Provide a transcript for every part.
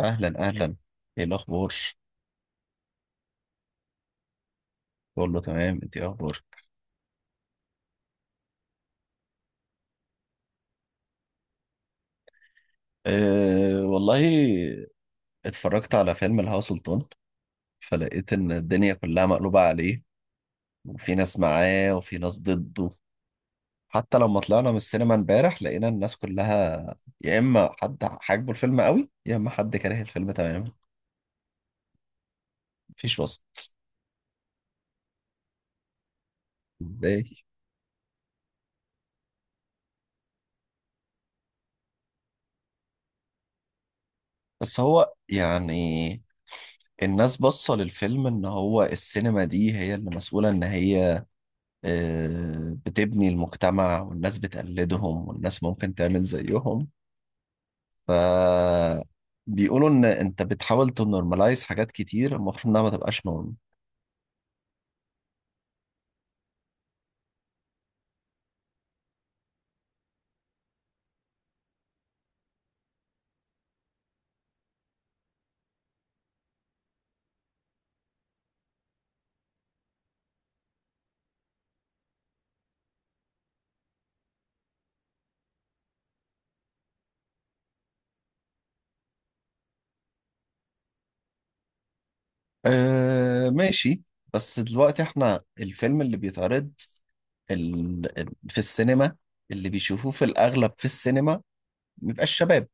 اهلا اهلا. ايه الاخبار؟ كله تمام، انت ايه اخبارك؟ أه والله، اتفرجت على فيلم الهوا سلطان، فلقيت ان الدنيا كلها مقلوبة عليه. وفي ناس معاه وفي ناس ضده. حتى لما طلعنا من السينما امبارح لقينا الناس كلها، يا اما حد حاجبه الفيلم قوي يا اما حد كاره الفيلم تماما. مفيش وسط. ازاي؟ بس هو يعني الناس باصة للفيلم ان هو السينما دي هي اللي مسؤولة ان هي بتبني المجتمع، والناس بتقلدهم والناس ممكن تعمل زيهم. فبيقولوا إن أنت بتحاول تنورماليز حاجات كتير المفروض إنها ما تبقاش نورم. ماشي. بس دلوقتي إحنا الفيلم اللي بيتعرض في السينما، اللي بيشوفوه في الأغلب في السينما بيبقى الشباب.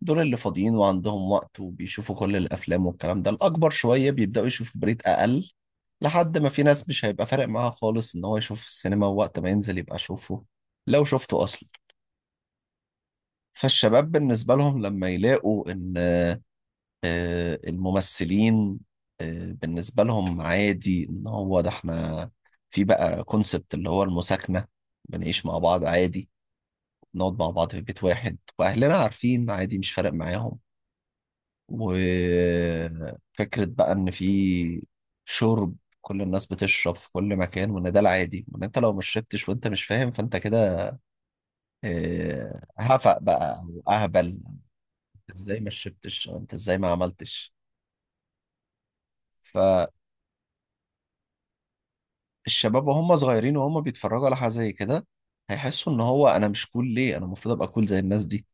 دول اللي فاضيين وعندهم وقت وبيشوفوا كل الأفلام، والكلام ده الأكبر شوية بيبدأوا يشوفوا بريد أقل. لحد ما في ناس مش هيبقى فارق معاها خالص إن هو يشوف السينما، ووقت ما ينزل يبقى شوفه لو شفته أصلا. فالشباب بالنسبة لهم لما يلاقوا إن الممثلين بالنسبة لهم عادي، إن هو ده إحنا. في بقى كونسبت اللي هو المساكنة، بنعيش مع بعض عادي، نقعد مع بعض في بيت واحد وأهلنا عارفين عادي مش فارق معاهم. وفكرة بقى إن في شرب، كل الناس بتشرب في كل مكان وإن ده العادي، وإن أنت لو مش شربتش وأنت مش فاهم فأنت كده هفق بقى أو أهبل. أنت إزاي ما شربتش، أو أنت إزاي ما عملتش. فالشباب وهم صغيرين وهم بيتفرجوا على حاجة زي كده، هيحسوا إن هو أنا مش كول ليه، أنا المفروض أبقى كول زي الناس دي.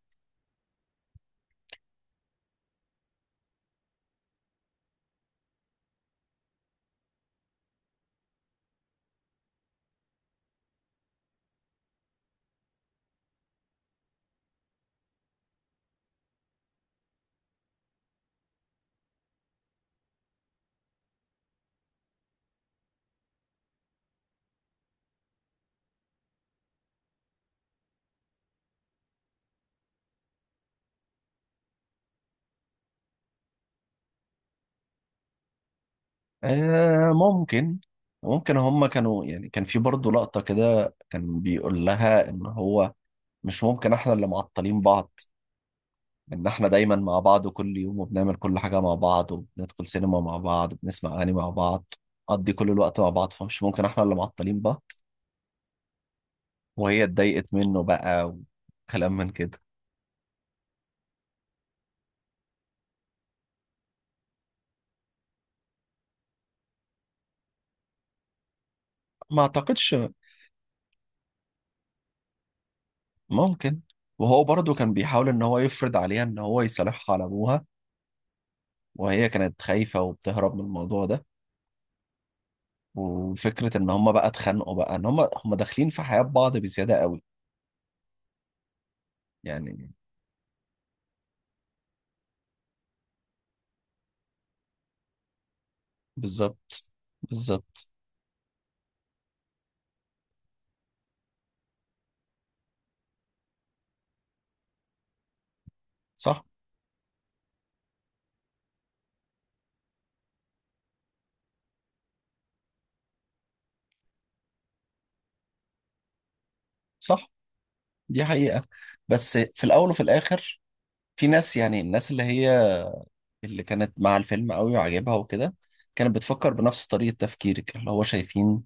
ممكن. ممكن هم كانوا يعني، كان في برضه لقطة كده كان بيقول لها إن هو مش ممكن احنا اللي معطلين بعض، ان احنا دايما مع بعض كل يوم وبنعمل كل حاجة مع بعض وبندخل سينما مع بعض وبنسمع اغاني مع بعض، نقضي كل الوقت مع بعض، فمش ممكن احنا اللي معطلين بعض. وهي اتضايقت منه بقى وكلام من كده. ما اعتقدش. ممكن. وهو برضه كان بيحاول ان هو يفرض عليها ان هو يصالحها على ابوها، وهي كانت خايفة وبتهرب من الموضوع ده. وفكرة ان هما بقى اتخانقوا بقى ان هما داخلين في حياة بعض بزيادة قوي يعني. بالظبط، بالظبط. صح. صح، دي حقيقة. بس في الأول وفي الآخر، في ناس يعني، الناس اللي هي اللي كانت مع الفيلم قوي وعجبها وكده، كانت بتفكر بنفس طريقة تفكيرك، اللي هو شايفين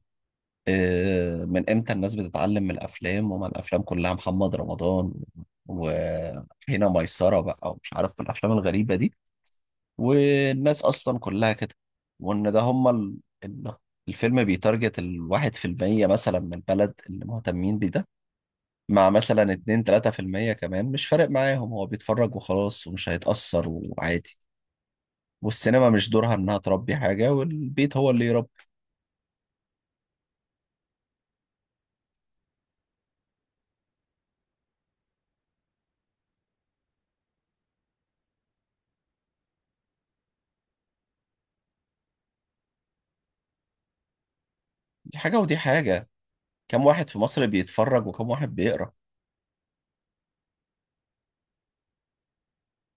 من إمتى الناس بتتعلم من الأفلام، وما الأفلام كلها محمد رمضان وهنا ميسرة بقى، ومش عارف الأفلام الغريبة دي، والناس أصلا كلها كده. وإن ده هما ال- الفيلم بيتارجت الواحد في المية مثلا من البلد اللي مهتمين، مع مثلا 2 3% كمان مش فارق معاهم، هو بيتفرج وخلاص ومش هيتأثر وعادي. والسينما مش دورها انها تربي حاجة، والبيت هو اللي يربي. دي حاجة ودي حاجة. كم واحد في مصر بيتفرج وكم واحد بيقرأ؟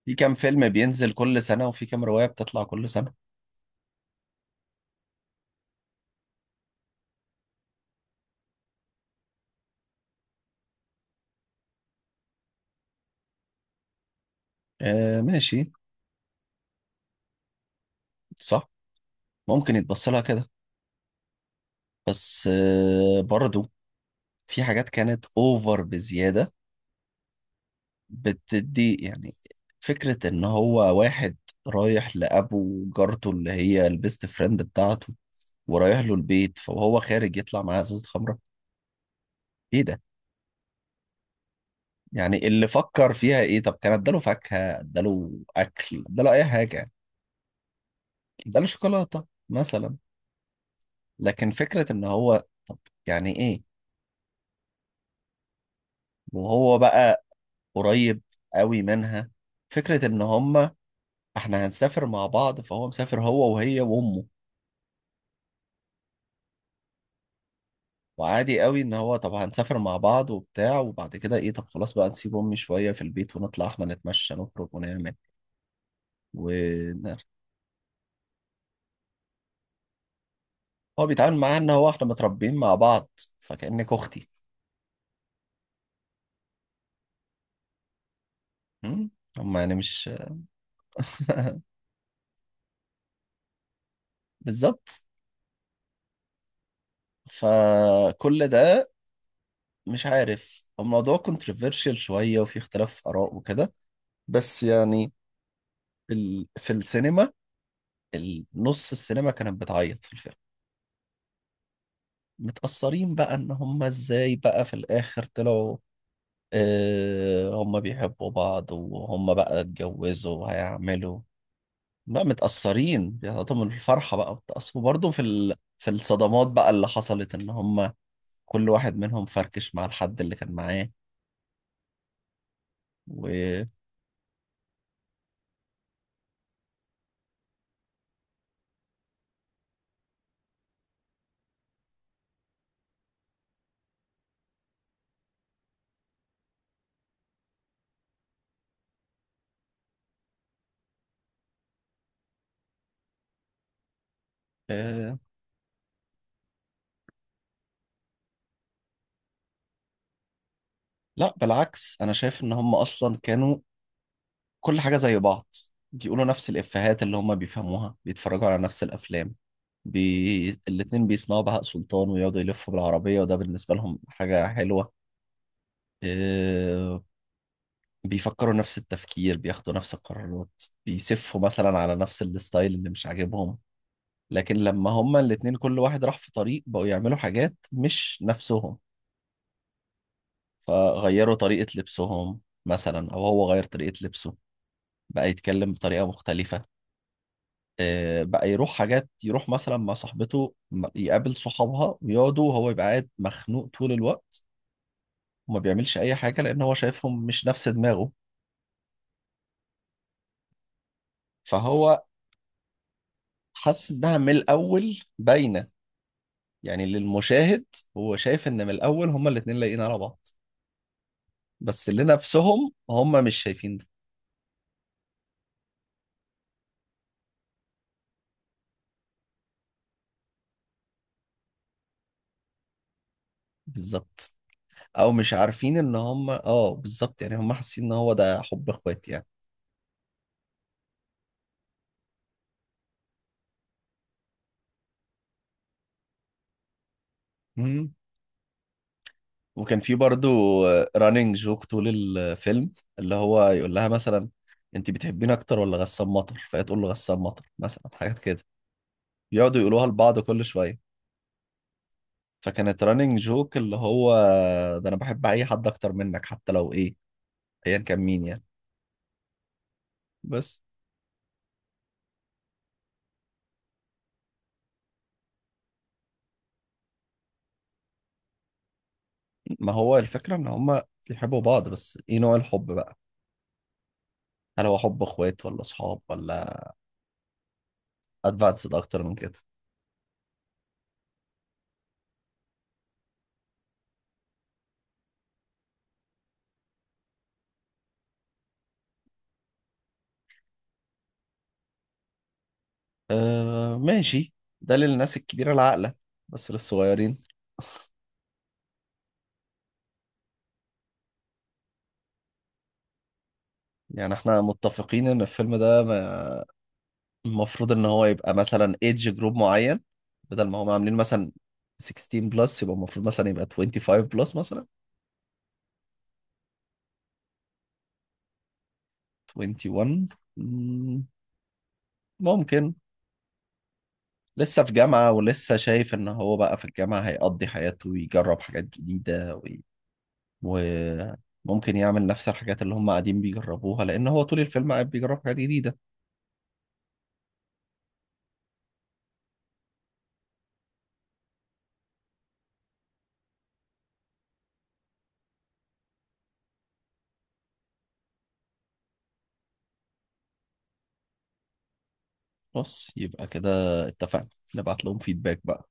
في كم فيلم بينزل كل سنة وفي كم رواية بتطلع كل سنة؟ آه ماشي. صح، ممكن يتبص لها كده. بس آه برضو، في حاجات كانت اوفر بزيادة. بتدي يعني فكرة إن هو واحد رايح لأبو، وجارته اللي هي البيست فريند بتاعته، ورايح له البيت فهو خارج يطلع معاه إزازة خمرة. إيه ده؟ يعني اللي فكر فيها إيه؟ طب كان إداله فاكهة، إداله أكل، إداله أي حاجة يعني. إداله شوكولاتة مثلا. لكن فكرة إن هو، طب يعني إيه؟ وهو بقى قريب قوي منها. فكرة إن هما إحنا هنسافر مع بعض، فهو مسافر هو وهي وأمه. وعادي قوي ان هو طب هنسافر مع بعض وبتاع، وبعد كده ايه طب خلاص بقى نسيب امي شويه في البيت ونطلع احنا نتمشى نخرج ونعمل ون... هو بيتعامل معاها ان هو احنا متربيين مع بعض، فكأنك اختي. هم هم يعني مش بالظبط. فكل ده مش عارف، الموضوع كونتروفيرشيال شويه وفي اختلاف اراء وكده. بس يعني ال... في السينما، نص السينما كانت بتعيط في الفيلم. متأثرين بقى ان هم ازاي بقى في الاخر طلعوا هم بيحبوا بعض وهم بقى اتجوزوا وهيعملوا. بقى متأثرين، بيعطيهم الفرحة بقى بتأثر، وبرضه في ال... في الصدمات بقى اللي حصلت، ان هم كل واحد منهم فركش مع الحد اللي كان معاه. و آه، لا بالعكس، انا شايف ان هم اصلا كانوا كل حاجة زي بعض، بيقولوا نفس الإفيهات اللي هم بيفهموها، بيتفرجوا على نفس الأفلام، الاتنين بيسمعوا بهاء سلطان ويقعدوا يلفوا بالعربية، وده بالنسبة لهم حاجة حلوة. آه، بيفكروا نفس التفكير، بياخدوا نفس القرارات، بيسفوا مثلا على نفس الستايل اللي مش عاجبهم. لكن لما هما الاتنين كل واحد راح في طريق، بقوا يعملوا حاجات مش نفسهم. فغيروا طريقة لبسهم مثلا، أو هو غير طريقة لبسه، بقى يتكلم بطريقة مختلفة، بقى يروح حاجات، يروح مثلا مع صاحبته يقابل صحابها ويقعدوا وهو يبقى قاعد مخنوق طول الوقت، وما بيعملش أي حاجة لأن هو شايفهم مش نفس دماغه. فهو حس إنها من الأول باينة، يعني للمشاهد. هو شايف ان من الاول هما الاتنين لايقين على بعض، بس اللي نفسهم هما مش شايفين ده. بالظبط، او مش عارفين ان هما اه بالظبط يعني، هما حاسين ان هو ده حب اخوات يعني. مم. وكان في برضو رانينج جوك طول الفيلم، اللي هو يقول لها مثلا انت بتحبيني اكتر ولا غسان مطر، فهي تقول له غسان مطر مثلا، حاجات كده بيقعدوا يقولوها لبعض كل شويه. فكانت رانينج جوك اللي هو ده، انا بحب اي حد اكتر منك حتى لو ايه، ايا كان مين يعني. بس ما هو الفكرة إن هما بيحبوا بعض، بس إيه نوع الحب بقى؟ هل هو حب إخوات ولا أصحاب، ولا أدفانسد أكتر من كده؟ أه ماشي، ده للناس الكبيرة العاقلة. بس للصغيرين، يعني إحنا متفقين إن الفيلم ده ما- المفروض إن هو يبقى مثلا إيدج جروب معين. بدل ما هم عاملين مثلا 16 بلس، يبقى المفروض مثلا يبقى 25 بلس مثلا. 21. مم، ممكن. لسه في جامعة ولسه شايف إن هو بقى في الجامعة هيقضي حياته ويجرب حاجات جديدة، وممكن يعمل نفس الحاجات اللي هم قاعدين بيجربوها، لأن هو طول الفيلم قاعد بيجرب حاجات جديدة. بس يبقى كده اتفقنا، نبعت لهم فيدباك بقى.